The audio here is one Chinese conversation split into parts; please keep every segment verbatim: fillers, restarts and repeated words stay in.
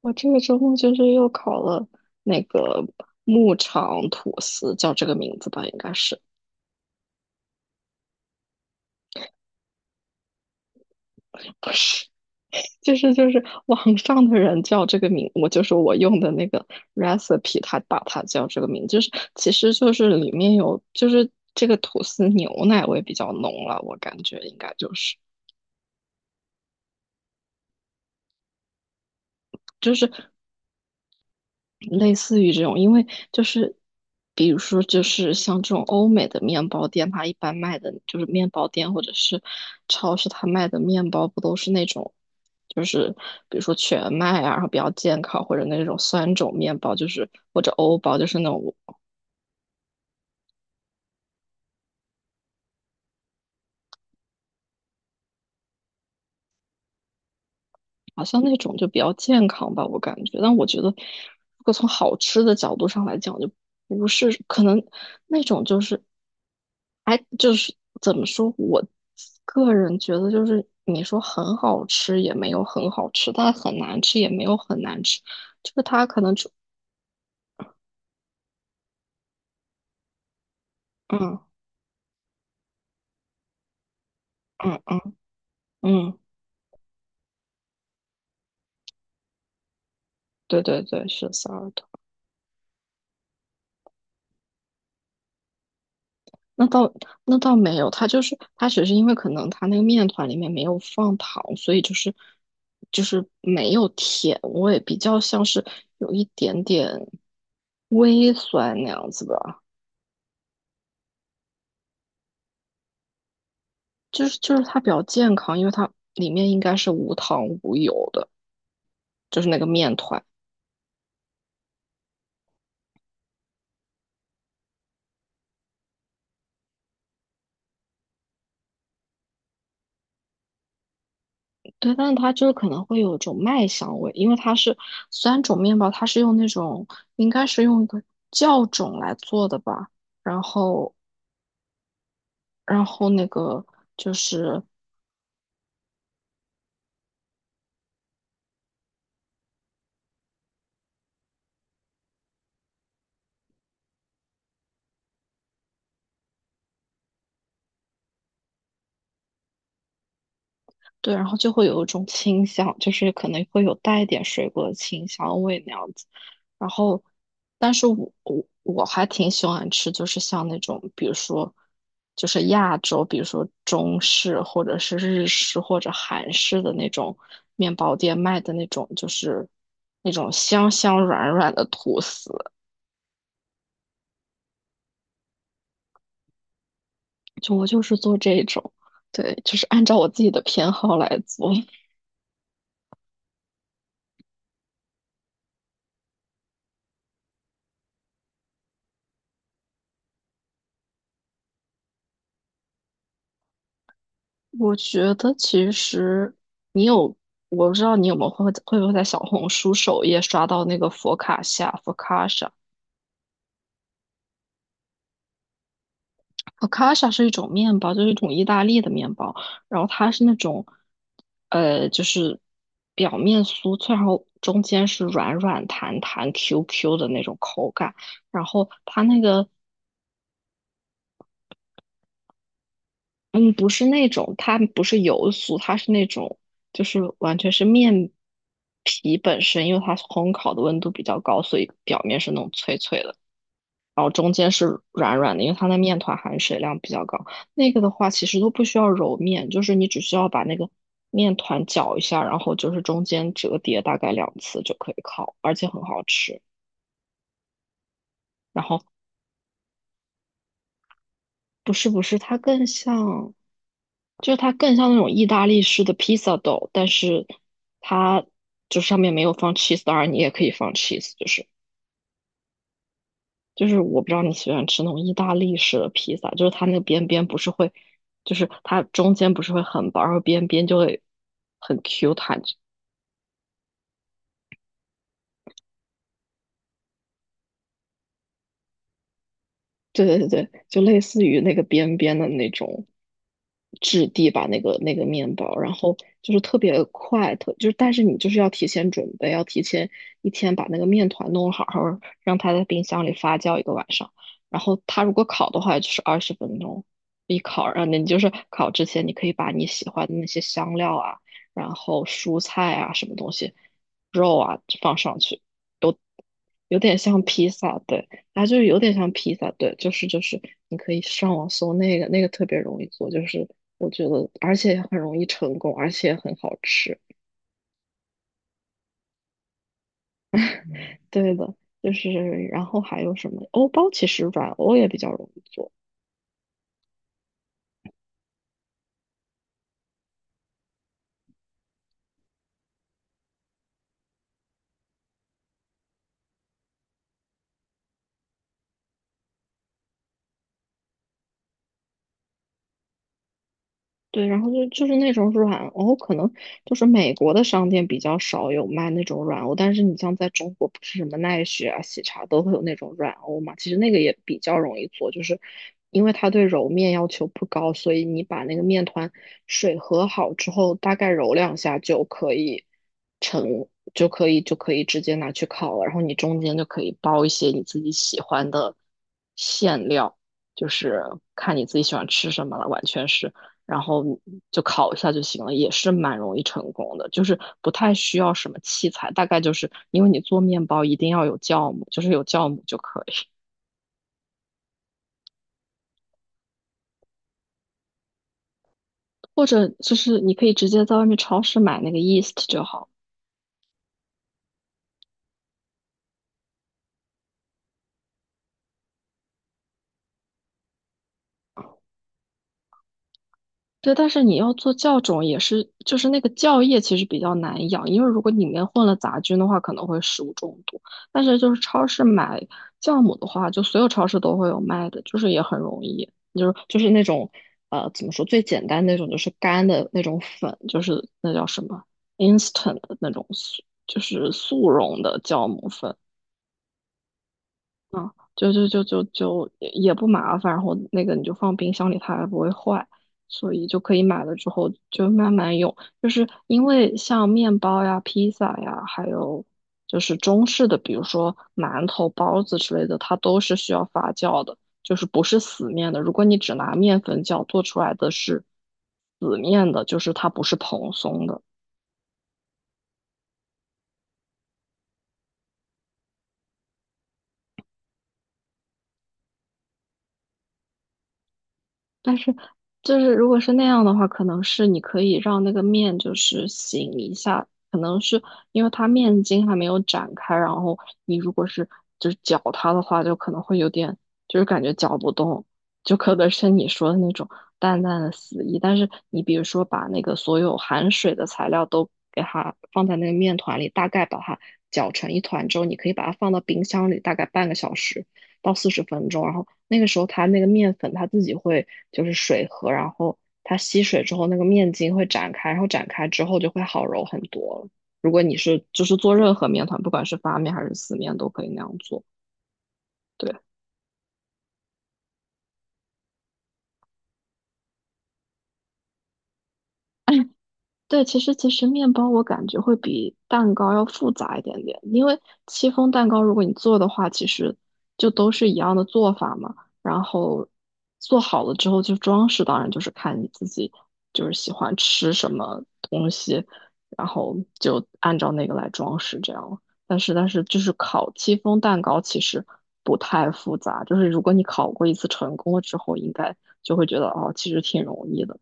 我这个周末就是又烤了那个牧场吐司，叫这个名字吧，应该是不是？就是就是网上的人叫这个名，我就是我用的那个 recipe，他把它叫这个名，就是其实就是里面有就是这个吐司牛奶味比较浓了，我感觉应该就是。类似于这种，因为就是比如说就是像这种欧美的面包店，它一般卖的就是面包店或者是超市，它卖的面包不都是那种就是比如说全麦啊，然后比较健康，或者那种酸种面包，就是或者欧包，就是那种好像那种就比较健康吧，我感觉。但我觉得，如果从好吃的角度上来讲，就不是可能那种就是，哎，就是怎么说，我个人觉得就是你说很好吃也没有很好吃，但很难吃也没有很难吃，就是它可能就嗯嗯嗯嗯，对对对，是 sorry。那倒那倒没有，它就是它只是因为可能它那个面团里面没有放糖，所以就是就是没有甜味，比较像是有一点点微酸那样子吧。就是就是它比较健康，因为它里面应该是无糖无油的，就是那个面团。对，但是它就是可能会有一种麦香味，因为它是三种面包，它是用那种应该是用一个酵种来做的吧。然后，然后那个就是对，然后就会有一种清香，就是可能会有带一点水果的清香味那样子。然后，但是我我我还挺喜欢吃，就是像那种，比如说，就是亚洲，比如说中式或者是日式或者韩式的那种面包店卖的那种，就是那种香香软软的吐司。就我就是做这种，对，就是按照我自己的偏好来做。我觉得其实你有，我不知道你有没有会会不会在小红书首页刷到那个佛卡夏佛卡夏，佛卡夏是一种面包，就是一种意大利的面包，然后它是那种，呃，就是表面酥脆，然后中间是软软弹弹、Q Q 的那种口感，然后它那个嗯，不是那种，它不是油酥，它是那种，就是完全是面皮本身，因为它烘烤的温度比较高，所以表面是那种脆脆的，然后中间是软软的，因为它的面团含水量比较高。那个的话，其实都不需要揉面，就是你只需要把那个面团搅一下，然后就是中间折叠大概两次就可以烤，而且很好吃。然后不是不是，它更像。就是它更像那种意大利式的披萨豆，但是它就上面没有放 cheese，当然你也可以放 cheese，就是就是我不知道你喜欢吃那种意大利式的披萨，就是它那个边边不是会，就是它中间不是会很薄，然后边边就会很 Q 弹，对对对对，就类似于那个边边的那种质地吧，那个那个面包，然后就是特别快，特就是，但是你就是要提前准备，要提前一天把那个面团弄好，然后让它在冰箱里发酵一个晚上，然后它如果烤的话就是二十分钟一烤，然后你就是烤之前你可以把你喜欢的那些香料啊，然后蔬菜啊什么东西，肉啊放上去，有有点像披萨，对。啊，就是有点像披萨，对，就是就是，你可以上网搜那个，那个特别容易做，就是我觉得，而且很容易成功，而且很好吃。对的，就是然后还有什么欧包，其实软欧也比较容易做。对，然后就就是那种软欧，可能就是美国的商店比较少有卖那种软欧，但是你像在中国，不是什么奈雪啊、喜茶都会有那种软欧嘛，其实那个也比较容易做，就是因为它对揉面要求不高，所以你把那个面团水和好之后，大概揉两下就可以成，就可以就可以直接拿去烤了，然后你中间就可以包一些你自己喜欢的馅料。就是看你自己喜欢吃什么了，完全是。然后就烤一下就行了，也是蛮容易成功的，就是不太需要什么器材，大概就是因为你做面包一定要有酵母，就是有酵母就可以，或者就是你可以直接在外面超市买那个 yeast 就好。对，但是你要做酵种也是，就是那个酵液其实比较难养，因为如果里面混了杂菌的话，可能会食物中毒。但是就是超市买酵母的话，就所有超市都会有卖的，就是也很容易，就是就是那种呃怎么说最简单那种，就是干的那种粉，就是那叫什么 instant 的那种速，就是速溶的酵母粉。啊，就就就就就也也不麻烦，然后那个你就放冰箱里，它还不会坏，所以就可以买了之后就慢慢用。就是因为像面包呀、披萨呀，还有就是中式的，比如说馒头、包子之类的，它都是需要发酵的，就是不是死面的。如果你只拿面粉酵做出来的是死面的，就是它不是蓬松的。但是，就是如果是那样的话，可能是你可以让那个面就是醒一下，可能是因为它面筋还没有展开，然后你如果是就是搅它的话，就可能会有点就是感觉搅不动，就可能是你说的那种淡淡的死意。但是你比如说把那个所有含水的材料都给它放在那个面团里，大概把它搅成一团之后，你可以把它放到冰箱里大概半个小时。到四十分钟，然后那个时候它那个面粉它自己会就是水和，然后它吸水之后那个面筋会展开，然后展开之后就会好揉很多了。如果你是就是做任何面团，不管是发面还是死面，都可以那样做。对，对，其实其实面包我感觉会比蛋糕要复杂一点点，因为戚风蛋糕如果你做的话，其实就都是一样的做法嘛。然后做好了之后，就装饰当然就是看你自己就是喜欢吃什么东西，然后就按照那个来装饰这样。但是但是就是烤戚风蛋糕其实不太复杂，就是如果你烤过一次成功了之后，应该就会觉得哦，其实挺容易的。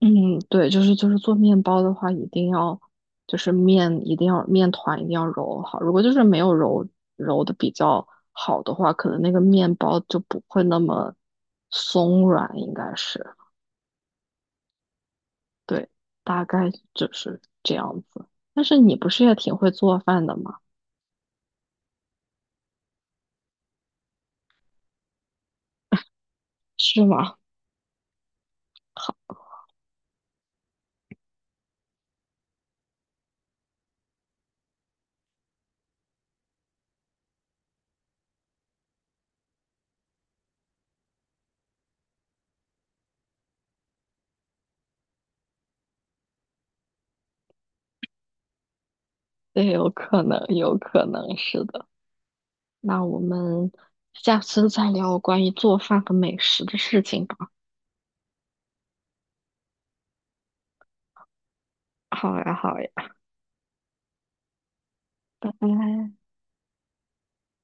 嗯，对，就是就是做面包的话，一定要就是面一定要面团一定要揉好。如果就是没有揉揉的比较好的话，可能那个面包就不会那么松软，应该是对，大概就是这样子。但是你不是也挺会做饭的吗？是吗？好，也有可能，有可能是的。那我们下次再聊关于做饭和美食的事情吧。好呀，好呀，拜拜。